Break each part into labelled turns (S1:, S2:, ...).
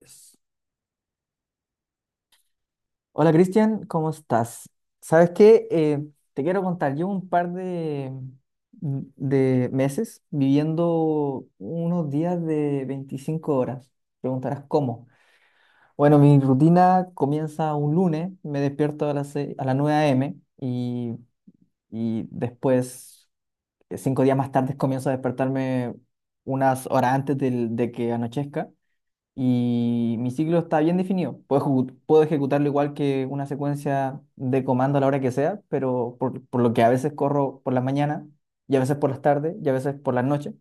S1: Yes. Hola Cristian, ¿cómo estás? ¿Sabes qué? Te quiero contar, llevo un par de meses viviendo unos días de 25 horas. Preguntarás cómo. Bueno, mi rutina comienza un lunes, me despierto a a las 9 a.m. Y después, cinco días más tarde, comienzo a despertarme unas horas de que anochezca. Y mi ciclo está bien definido. Puedo, puedo ejecutarlo igual que una secuencia de comando a la hora que sea, pero por lo que a veces corro por las mañanas, y a veces por las tardes, y a veces por las noches.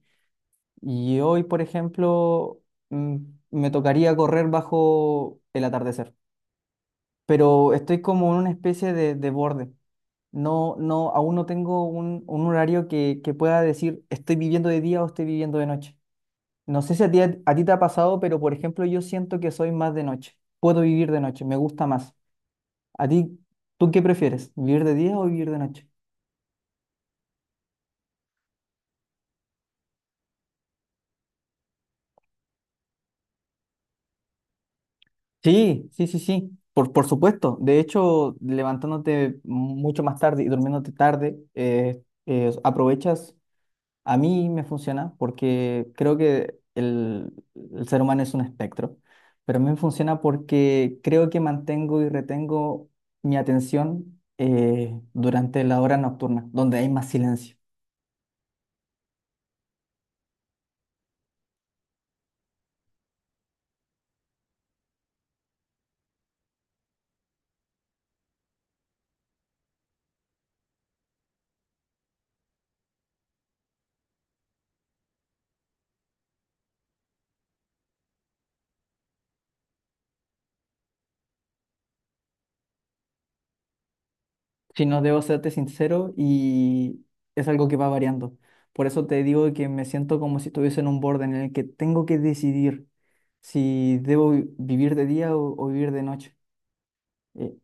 S1: Y hoy, por ejemplo, mm, me tocaría correr bajo el atardecer, pero estoy como en una especie de borde. No, no, aún no tengo un horario que pueda decir estoy viviendo de día o estoy viviendo de noche. No sé si a a ti te ha pasado, pero por ejemplo, yo siento que soy más de noche. Puedo vivir de noche, me gusta más. ¿A tú qué prefieres? ¿Vivir de día o vivir de noche? Sí, sí, sí, sí. Por supuesto. De hecho, levantándote mucho más tarde y durmiéndote tarde, aprovechas. A mí me funciona porque creo que el ser humano es un espectro, pero a mí me funciona porque creo que mantengo y retengo mi atención durante la hora nocturna, donde hay más silencio. Si no debo serte sincero y es algo que va variando. Por eso te digo que me siento como si estuviese en un borde en el que tengo que decidir si debo vivir de día o vivir de noche. Eh,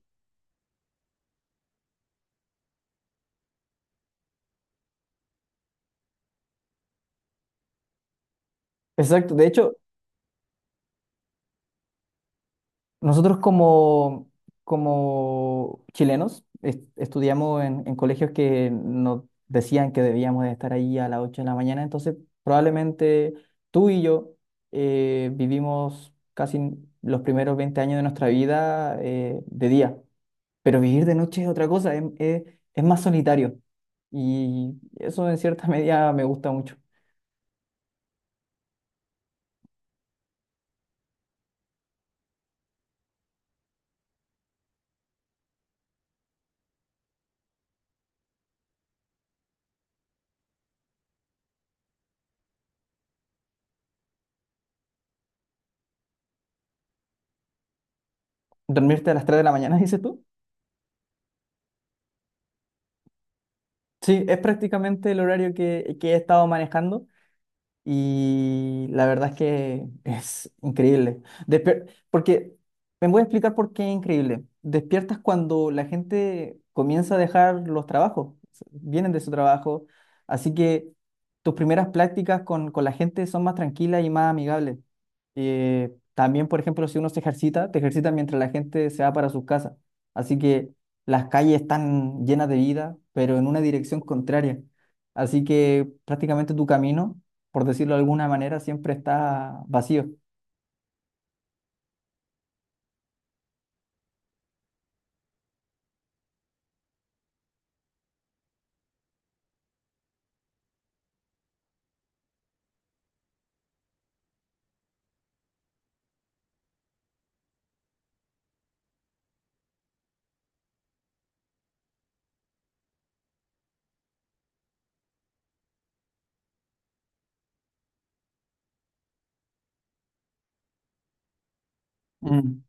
S1: exacto, de hecho... Nosotros como, como chilenos estudiamos en colegios que nos decían que debíamos de estar ahí a las 8 de la mañana, entonces probablemente tú y yo vivimos casi los primeros 20 años de nuestra vida de día, pero vivir de noche es otra cosa, es más solitario y eso en cierta medida me gusta mucho. ¿Dormirte a las 3 de la mañana, dices tú? Sí, es prácticamente el horario que he estado manejando. Y la verdad es que es increíble. Porque me voy a explicar por qué es increíble. Despiertas cuando la gente comienza a dejar los trabajos, vienen de su trabajo, así que tus primeras prácticas con la gente son más tranquilas y más amigables. También, por ejemplo, si uno se ejercita, te ejercita mientras la gente se va para sus casas. Así que las calles están llenas de vida, pero en una dirección contraria. Así que prácticamente tu camino, por decirlo de alguna manera, siempre está vacío. Mm.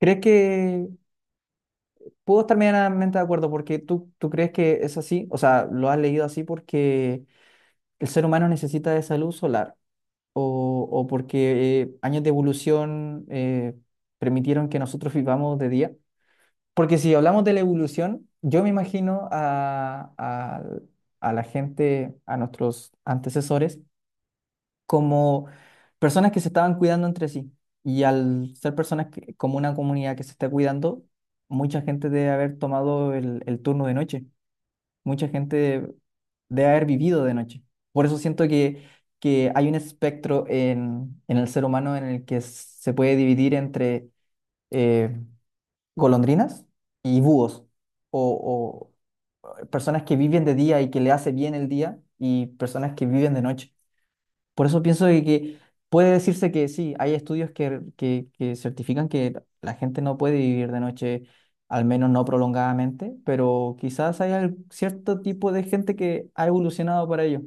S1: ¿Crees que puedo estar medianamente de acuerdo porque tú crees que es así? O sea, lo has leído así porque el ser humano necesita de esa luz solar o porque años de evolución permitieron que nosotros vivamos de día. Porque si hablamos de la evolución, yo me imagino a la gente, a nuestros antecesores, como personas que se estaban cuidando entre sí. Y al ser personas que- como una comunidad que se está cuidando, mucha gente debe haber tomado el turno de noche, mucha gente debe haber vivido de noche. Por eso siento que hay un espectro en el ser humano en el que se puede dividir entre eh, golondrinas y búhos, o, o personas que viven de día y que le hace bien el día, y personas que viven de noche. Por eso pienso de que puede decirse que sí, hay estudios que certifican que la gente no puede vivir de noche, al menos no prolongadamente, pero quizás hay cierto tipo de gente que ha evolucionado para ello.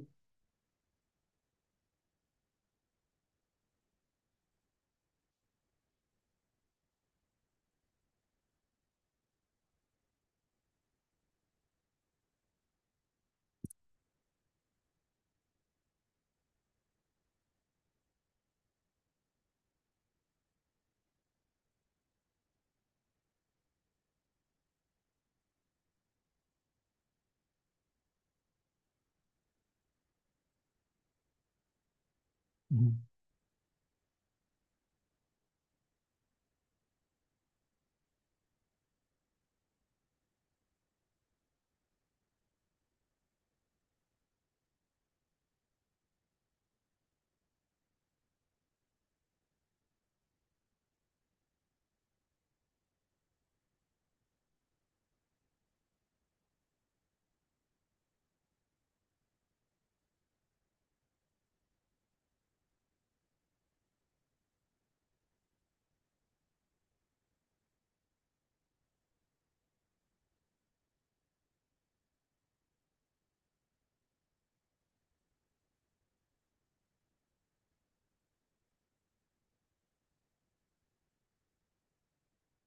S1: Ujú.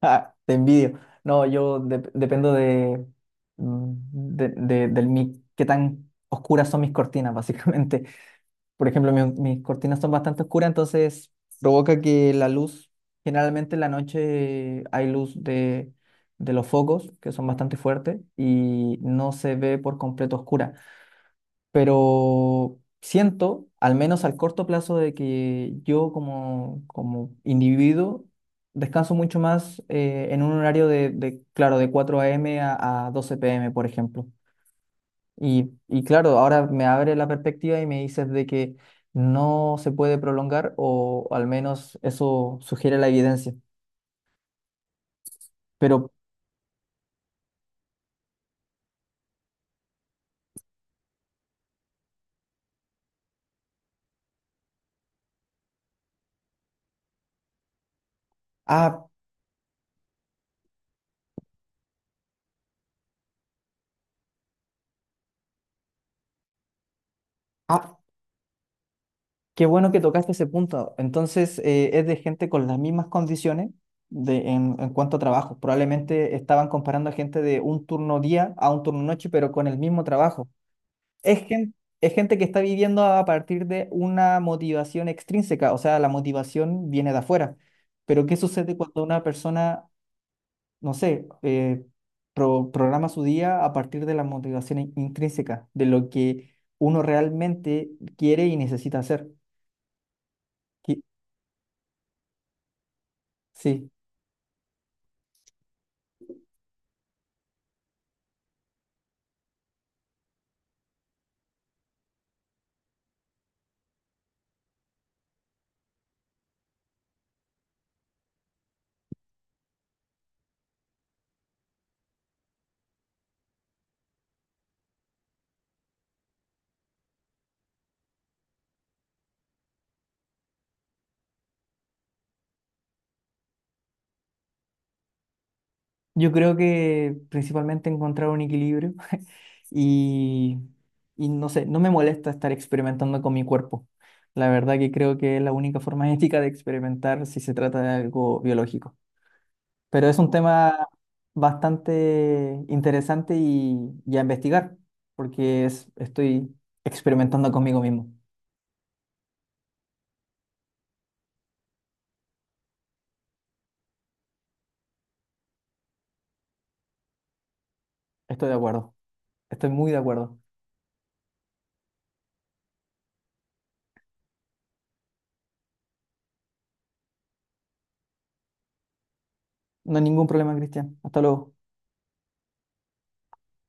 S1: Ah, te envidio. No, yo dependo del qué tan oscuras son mis cortinas, básicamente. Por ejemplo, mis cortinas son bastante oscuras, entonces provoca que la luz, generalmente en la noche hay luz de los focos, que son bastante fuertes, y no se ve por completo oscura. Pero siento, al menos al corto plazo, de que yo como, como individuo descanso mucho más en un horario claro, de 4 a.m. A 12 p.m., por ejemplo. Y claro, ahora me abre la perspectiva y me dices de que no se puede prolongar o al menos eso sugiere la evidencia. Pero, ah, ah, qué bueno que tocaste ese punto. Entonces, es de gente con las mismas condiciones en cuanto a trabajo. Probablemente estaban comparando a gente de un turno día a un turno noche, pero con el mismo trabajo. Es gente que está viviendo a partir de una motivación extrínseca, o sea, la motivación viene de afuera. Pero ¿qué sucede cuando una persona, no sé, programa su día a partir de la motivación intrínseca, de lo que uno realmente quiere y necesita hacer? Qui- Sí. Yo creo que principalmente encontrar un equilibrio y, y no sé, no me molesta estar experimentando con mi cuerpo. La verdad que creo que es la única forma ética de experimentar si se trata de algo biológico. Pero es un tema bastante interesante y a investigar, porque es, estoy experimentando conmigo mismo. Estoy de acuerdo, estoy muy de acuerdo. No hay ningún problema, Cristian. Hasta luego.